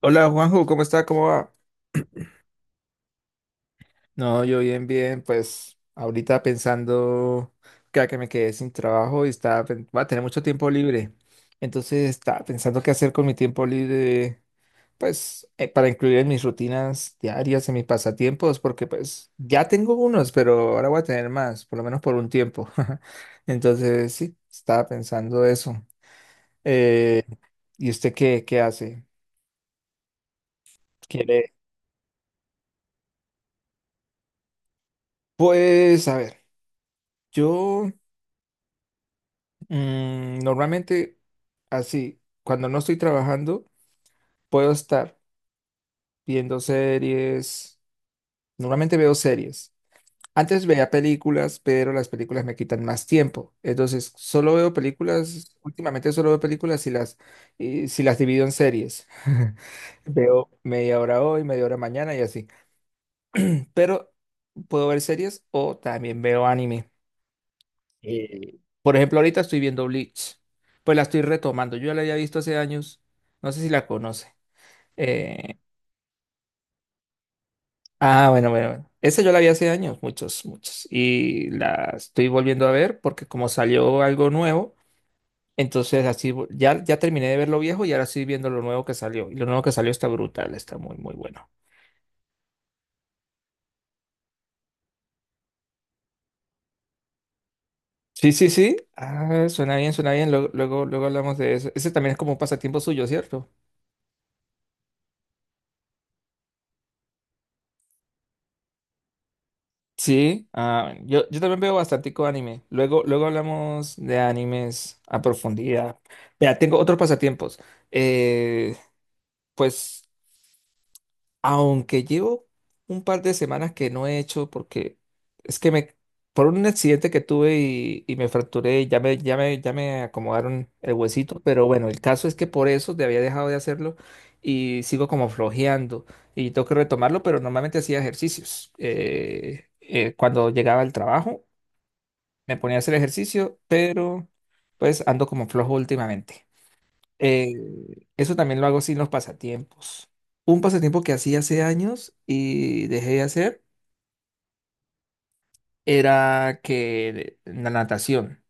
Hola Juanjo, ¿cómo está? ¿Cómo va? No, yo bien, pues ahorita pensando que, a que me quedé sin trabajo y voy a tener mucho tiempo libre. Entonces estaba pensando qué hacer con mi tiempo libre, pues para incluir en mis rutinas diarias, en mis pasatiempos, porque pues ya tengo unos, pero ahora voy a tener más, por lo menos por un tiempo. Entonces sí, estaba pensando eso. Eh, ¿Y usted qué hace? ¿Quiere? Pues a ver, yo... normalmente así, cuando no estoy trabajando, puedo estar viendo series. Normalmente veo series. Antes veía películas, pero las películas me quitan más tiempo. Entonces, solo veo películas, últimamente solo veo películas y si las divido en series. Veo media hora hoy, media hora mañana y así. Pero puedo ver series o también veo anime. Por ejemplo, ahorita estoy viendo Bleach. Pues la estoy retomando. Yo ya la había visto hace años. No sé si la conoce. Eh, ah, bueno. Esa yo la vi hace años, muchos, muchos. Y la estoy volviendo a ver porque como salió algo nuevo, entonces ya terminé de ver lo viejo y ahora estoy viendo lo nuevo que salió. Y lo nuevo que salió está brutal, está muy, muy bueno. Sí, sí, sí. Ah, suena bien, suena bien. Luego hablamos de eso. Ese también es como un pasatiempo suyo, ¿cierto? Sí, ah, bueno, yo también veo bastante anime. Luego hablamos de animes a profundidad. Vea, tengo otros pasatiempos. Eh, pues, aunque llevo un par de semanas que no he hecho, porque es que me, por un accidente que tuve y me fracturé, y ya me acomodaron el huesito, pero bueno, el caso es que por eso te había dejado de hacerlo y sigo como flojeando y tengo que retomarlo, pero normalmente hacía ejercicios cuando llegaba al trabajo me ponía a hacer ejercicio, pero pues ando como flojo últimamente. Eh, Eso también lo hago sin los pasatiempos. Un pasatiempo que hacía hace años y dejé de hacer era que la natación.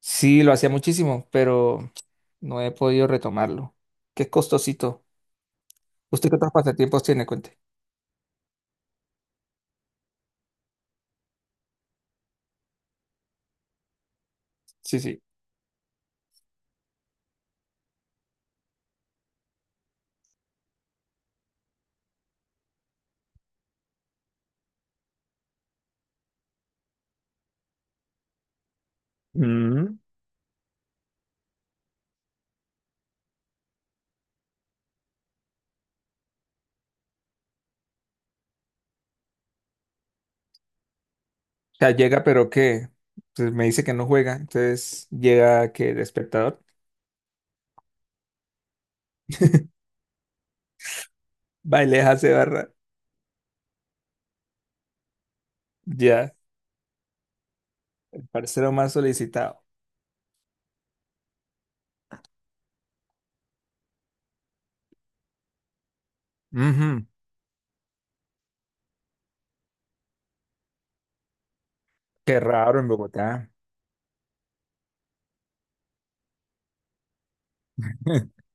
Sí, lo hacía muchísimo, pero no he podido retomarlo. Qué costosito. ¿Usted qué otros pasatiempos tiene? Cuente. Sí, sí. Mm. O sea, llega, pero que me dice que no juega, entonces llega que de espectador. Baile, hace barra. Ya. Parcero más solicitado. Ujú. Qué raro en Bogotá.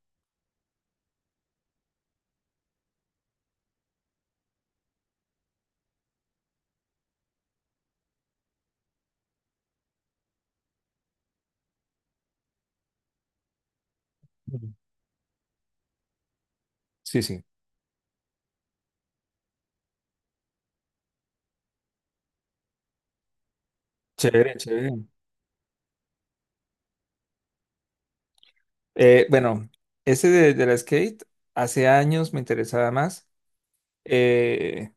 Sí, sí. Chévere, chévere. Bueno, ese de la skate hace años me interesaba más, eh,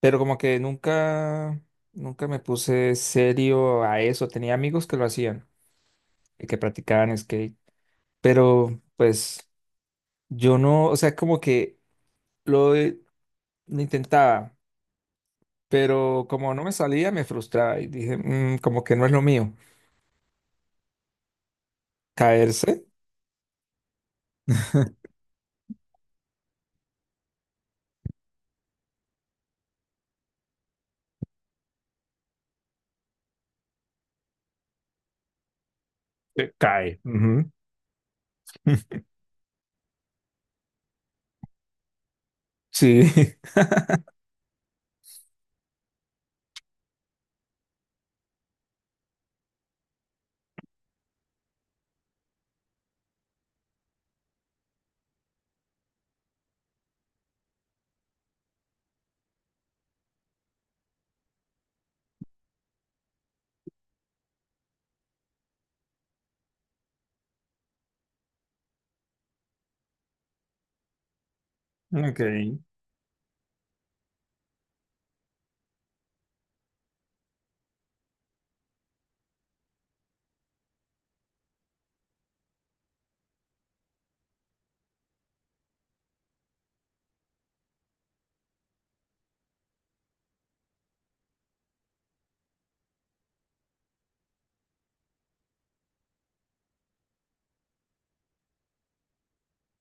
pero como que nunca, nunca me puse serio a eso. Tenía amigos que lo hacían, y que practicaban skate, pero pues yo no, o sea, como que lo, he- lo intentaba, pero como no me salía, me frustraba y dije, "Mm, como que no es lo mío. Caerse. Se cae. Ujú. Sí. Ok.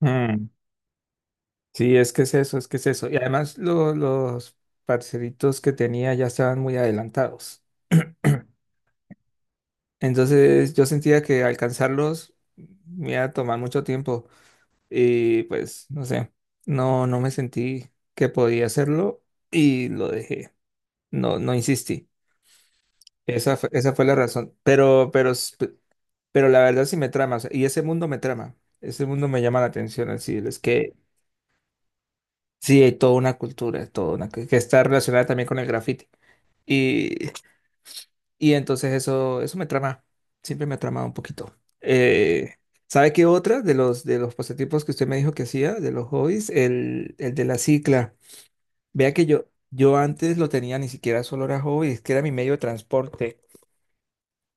Mm. Sí, es que es eso, es que es eso. Y además los parcelitos que tenía ya estaban muy adelantados. Entonces yo sentía que alcanzarlos me iba a tomar mucho tiempo y pues no sé, no me sentí que podía hacerlo y lo dejé, no insistí. Esa fue la razón, pero, pero la verdad sí me trama, o sea, y ese mundo me trama, ese mundo me llama la atención, así es que sí hay toda una cultura, toda una que está relacionada también con el graffiti. Y, y entonces eso me trama, siempre me ha tramado un poquito. Eh, ¿Sabe qué otra de de los pasatiempos que usted me dijo que hacía, de los hobbies? El de la cicla. Vea que yo antes lo tenía, ni siquiera solo era hobby, es que era mi medio de transporte.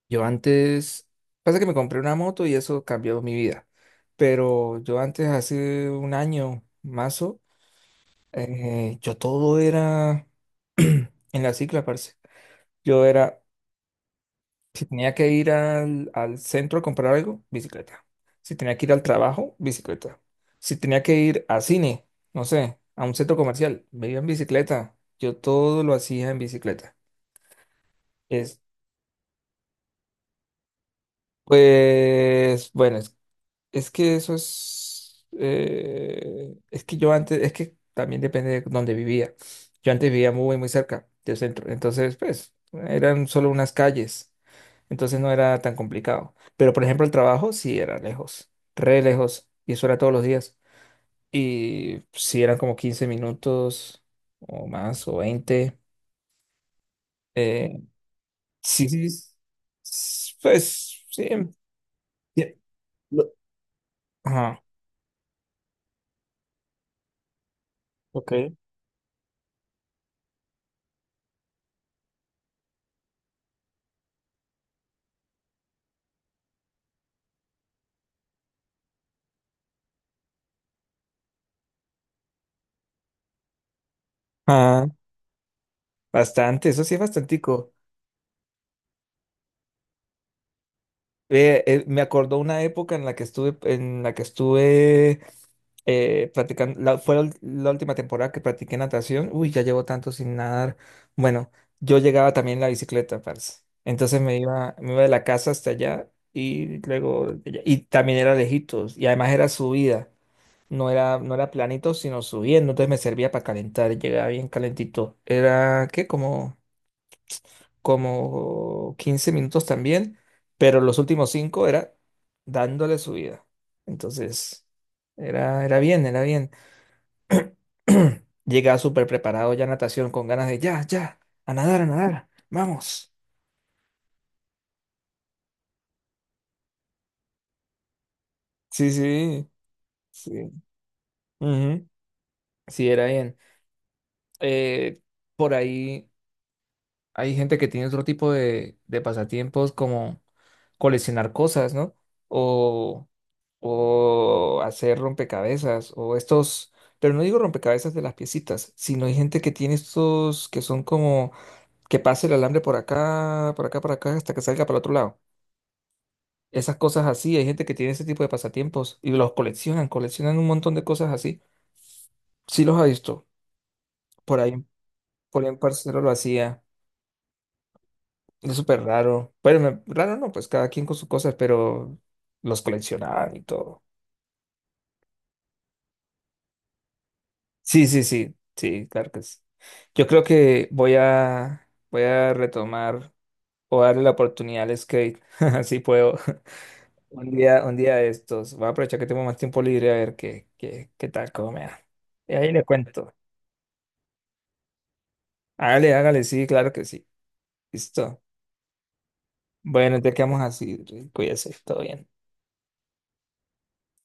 Yo antes, pasa que me compré una moto y eso cambió mi vida. Pero yo antes, hace un año, mazo, yo todo era en la cicla, parce. Yo era, si tenía que ir al centro a comprar algo, bicicleta. Si tenía que ir al trabajo, bicicleta. Si tenía que ir a cine, no sé, a un centro comercial, me iba en bicicleta. Yo todo lo hacía en bicicleta. Es, pues, bueno, es que eso es que yo antes, es que también depende de dónde vivía. Yo antes vivía muy, muy cerca del centro, entonces, pues, eran solo unas calles, entonces no era tan complicado. Pero, por ejemplo, el trabajo sí era lejos, re lejos, y eso era todos los días. Y sí eran como 15 minutos o más, o 20. eh, sí, sí, pues, sí. Sí, lo- Ajá. Ok. Ah. Bastante, eso sí es bastantico. Me acordó una época en la que estuve, en la que estuve practicando, fue la última temporada que practiqué natación. Uy, ya llevo tanto sin nadar. Bueno, yo llegaba también en la bicicleta, parce. Entonces me iba de la casa hasta allá y luego, de allá- y también era lejitos. Y además era subida, no era planito, sino subiendo. Entonces me servía para calentar, llegaba bien calentito. Era, ¿qué? Como 15 minutos también, pero los últimos 5 era dándole su vida. Entonces, era bien. Llegaba súper preparado ya a natación con ganas de a nadar, vamos. Sí, sí, sí. Ujú. Sí, era bien. Eh, por ahí hay gente que tiene otro tipo de pasatiempos como... coleccionar cosas, ¿no? O, o hacer rompecabezas, o estos, pero no digo rompecabezas de las piecitas, sino hay gente que tiene estos que son como que pase el alambre por acá, por acá, por acá, hasta que salga para el otro lado. Esas cosas así, hay gente que tiene ese tipo de pasatiempos y los coleccionan, coleccionan un montón de cosas así. Sí los ha visto. Por ahí, por ahí un parcero lo hacía. Es súper raro. Raro no, pues cada quien con sus cosas, pero los coleccionaban y todo. Sí, sí, sí, sí, claro que sí. Yo creo que voy a retomar o darle la oportunidad al skate, así puedo. Un día de estos. Voy a aprovechar que tengo más tiempo libre a ver qué tal, cómo me da. Y ahí le cuento. Hágale, hágale, sí, claro que sí. Listo. Bueno, te quedamos así. Cuídese, todo bien.